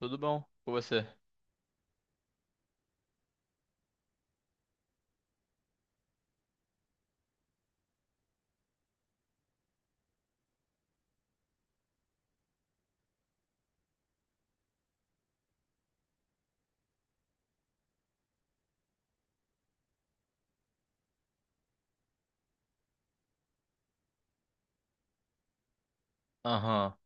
Tudo bom com você? Aham.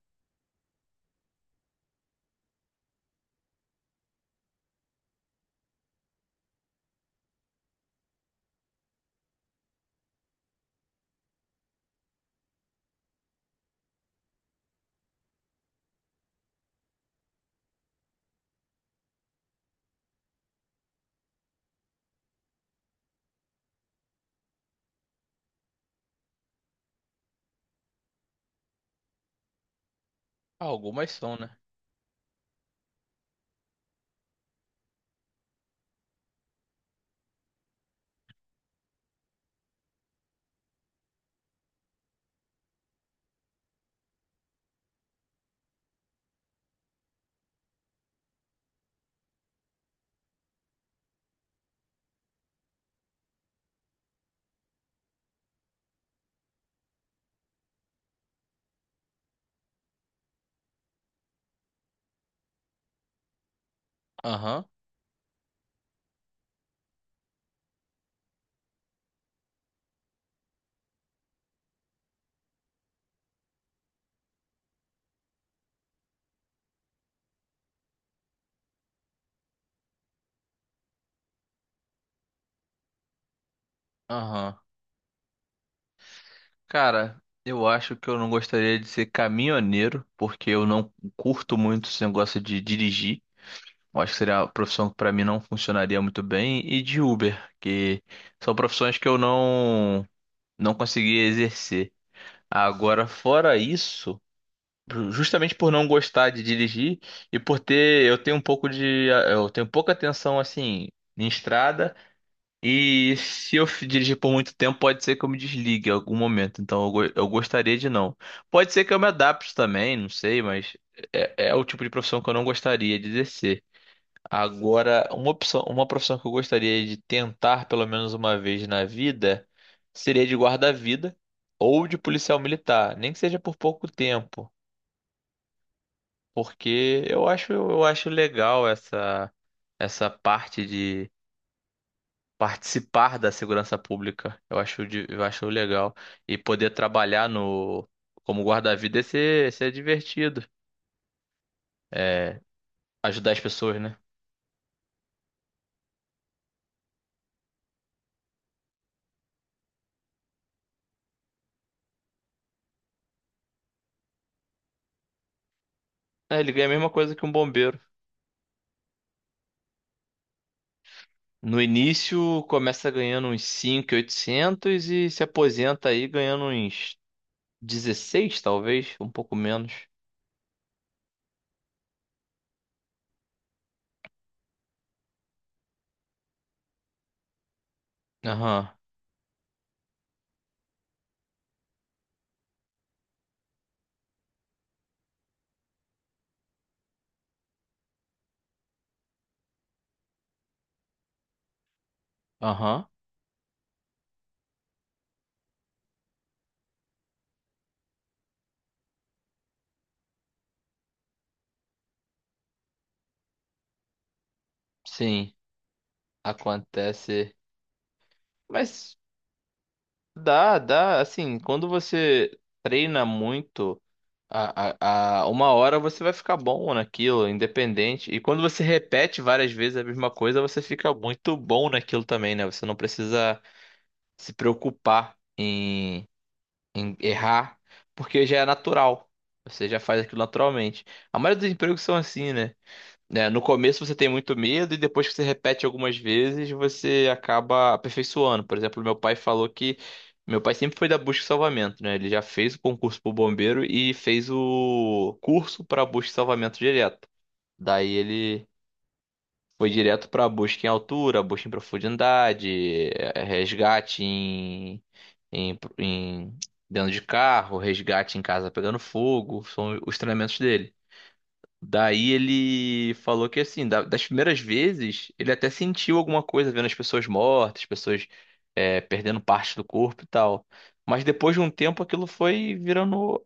Ah, algumas são, né? Aham. Aham. Cara, eu acho que eu não gostaria de ser caminhoneiro, porque eu não curto muito esse negócio de dirigir. Eu acho que seria uma profissão que pra mim não funcionaria muito bem. E de Uber, que são profissões que eu não conseguia exercer. Agora, fora isso, justamente por não gostar de dirigir e por ter, eu tenho um pouco de, eu tenho pouca atenção assim. Em estrada. E se dirigir por muito tempo, pode ser que eu me desligue em algum momento. Eu gostaria de não. Pode ser que eu me adapte também, não sei, mas é o tipo de profissão que eu não gostaria de exercer. Agora, uma opção, uma profissão que eu gostaria de tentar pelo menos uma vez na vida seria de guarda-vida ou de policial militar, nem que seja por pouco tempo, porque eu acho legal essa parte, participar da segurança pública. Eu acho legal. E poder trabalhar no como guarda-vida é ser divertido. É, ajudar as pessoas, né? É, ele ganha a mesma coisa que um bombeiro. No início, começa ganhando uns 5.800 e oitocentos e se aposenta aí ganhando uns 16 talvez, um pouco menos. Aham, aham, sim, acontece. Mas dá, dá. Assim, quando você treina muito, uma hora você vai ficar bom naquilo, independente. E quando você repete várias vezes a mesma coisa, você fica muito bom naquilo também, né? Você não precisa se preocupar em errar, porque já é natural. Você já faz aquilo naturalmente. A maioria dos empregos são assim, né? Né? No começo você tem muito medo e depois que você repete algumas vezes, você acaba aperfeiçoando. Por exemplo, meu pai falou que meu pai sempre foi da busca e salvamento, né? Ele já fez o concurso para o bombeiro e fez o curso para busca e salvamento direto. Daí ele foi direto para busca em altura, busca em profundidade, resgate em dentro de carro, resgate em casa pegando fogo, são os treinamentos dele. Daí ele falou que assim, das primeiras vezes, ele até sentiu alguma coisa vendo as pessoas mortas, pessoas perdendo parte do corpo e tal. Mas depois de um tempo aquilo foi virando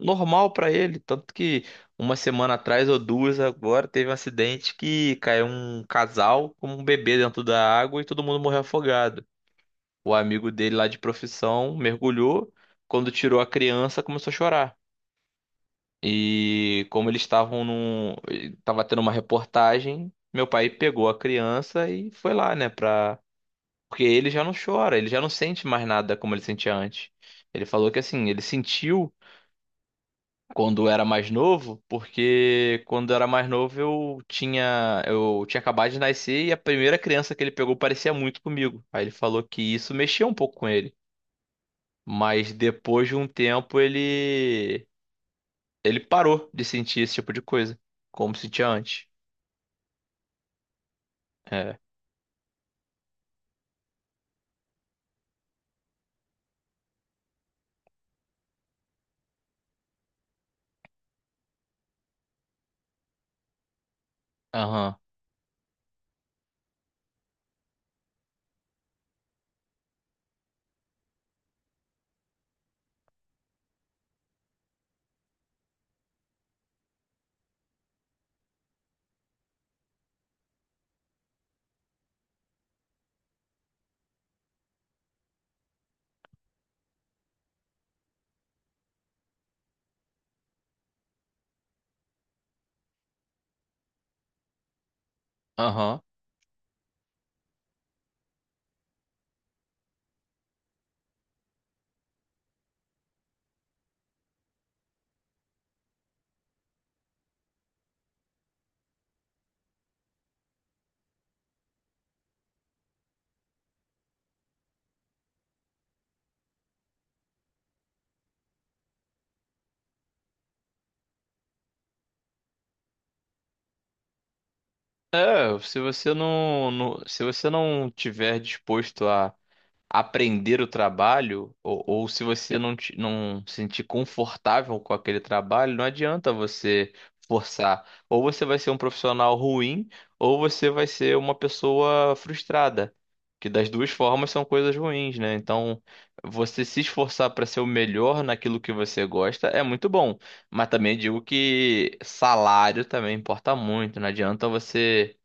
normal pra ele. Tanto que uma semana atrás ou duas agora teve um acidente que caiu um casal com um bebê dentro da água e todo mundo morreu afogado. O amigo dele lá de profissão mergulhou, quando tirou a criança começou a chorar. E como eles estavam num. Tava tendo uma reportagem, meu pai pegou a criança e foi lá, né? Pra... Porque ele já não chora, ele já não sente mais nada como ele sentia antes. Ele falou que assim, ele sentiu quando era mais novo, porque quando era mais novo eu tinha acabado de nascer e a primeira criança que ele pegou parecia muito comigo. Aí ele falou que isso mexia um pouco com ele. Mas depois de um tempo ele parou de sentir esse tipo de coisa, como sentia antes. É. Aham. Aham. É, se você não tiver disposto a aprender o trabalho, ou se você não se sentir confortável com aquele trabalho, não adianta você forçar. Ou você vai ser um profissional ruim, ou você vai ser uma pessoa frustrada. Que das duas formas são coisas ruins, né? Então, você se esforçar para ser o melhor naquilo que você gosta é muito bom. Mas também digo que salário também importa muito. Não adianta você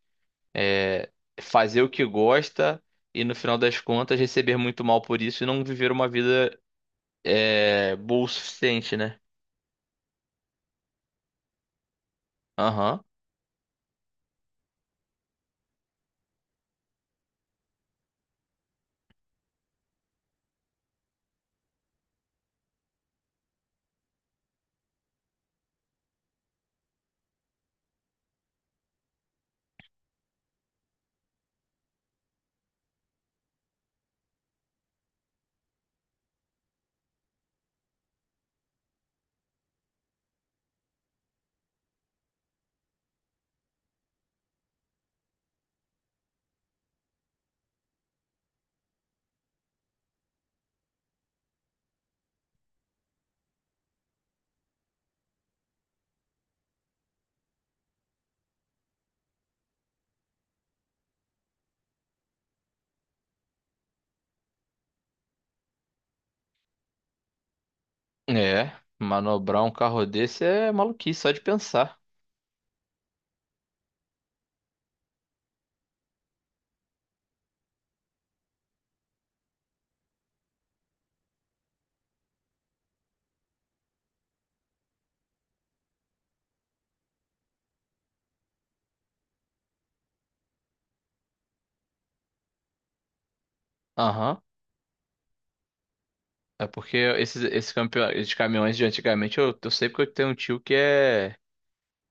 é, fazer o que gosta e no final das contas receber muito mal por isso e não viver uma vida boa o suficiente, né? Aham. É, manobrar um carro desse é maluquice, só de pensar. Aham. É porque campeões, esses caminhões de antigamente, eu sei porque eu tenho um tio que é.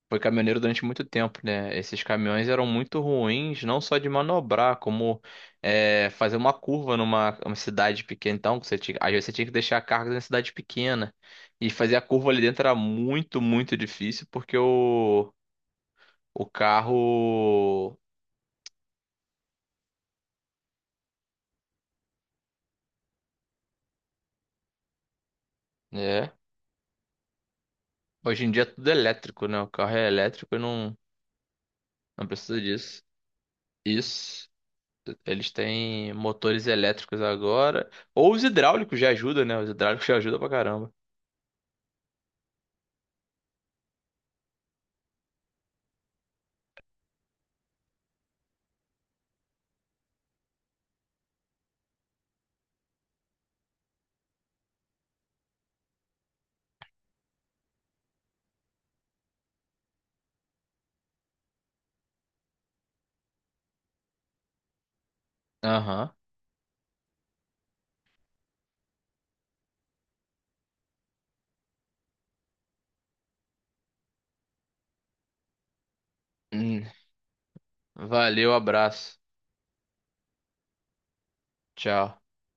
Foi caminhoneiro durante muito tempo, né? Esses caminhões eram muito ruins, não só de manobrar, como fazer uma curva numa uma cidade pequena. Então, às vezes você tinha que deixar cargas na cidade pequena. E fazer a curva ali dentro era muito, muito difícil, porque o carro. É. Hoje em dia é tudo é elétrico, né? O carro é elétrico e não precisa disso. Isso. Eles têm motores elétricos agora. Ou os hidráulicos já ajudam, né? Os hidráulicos já ajudam pra caramba. Aham. Hum, valeu, abraço. Tchau.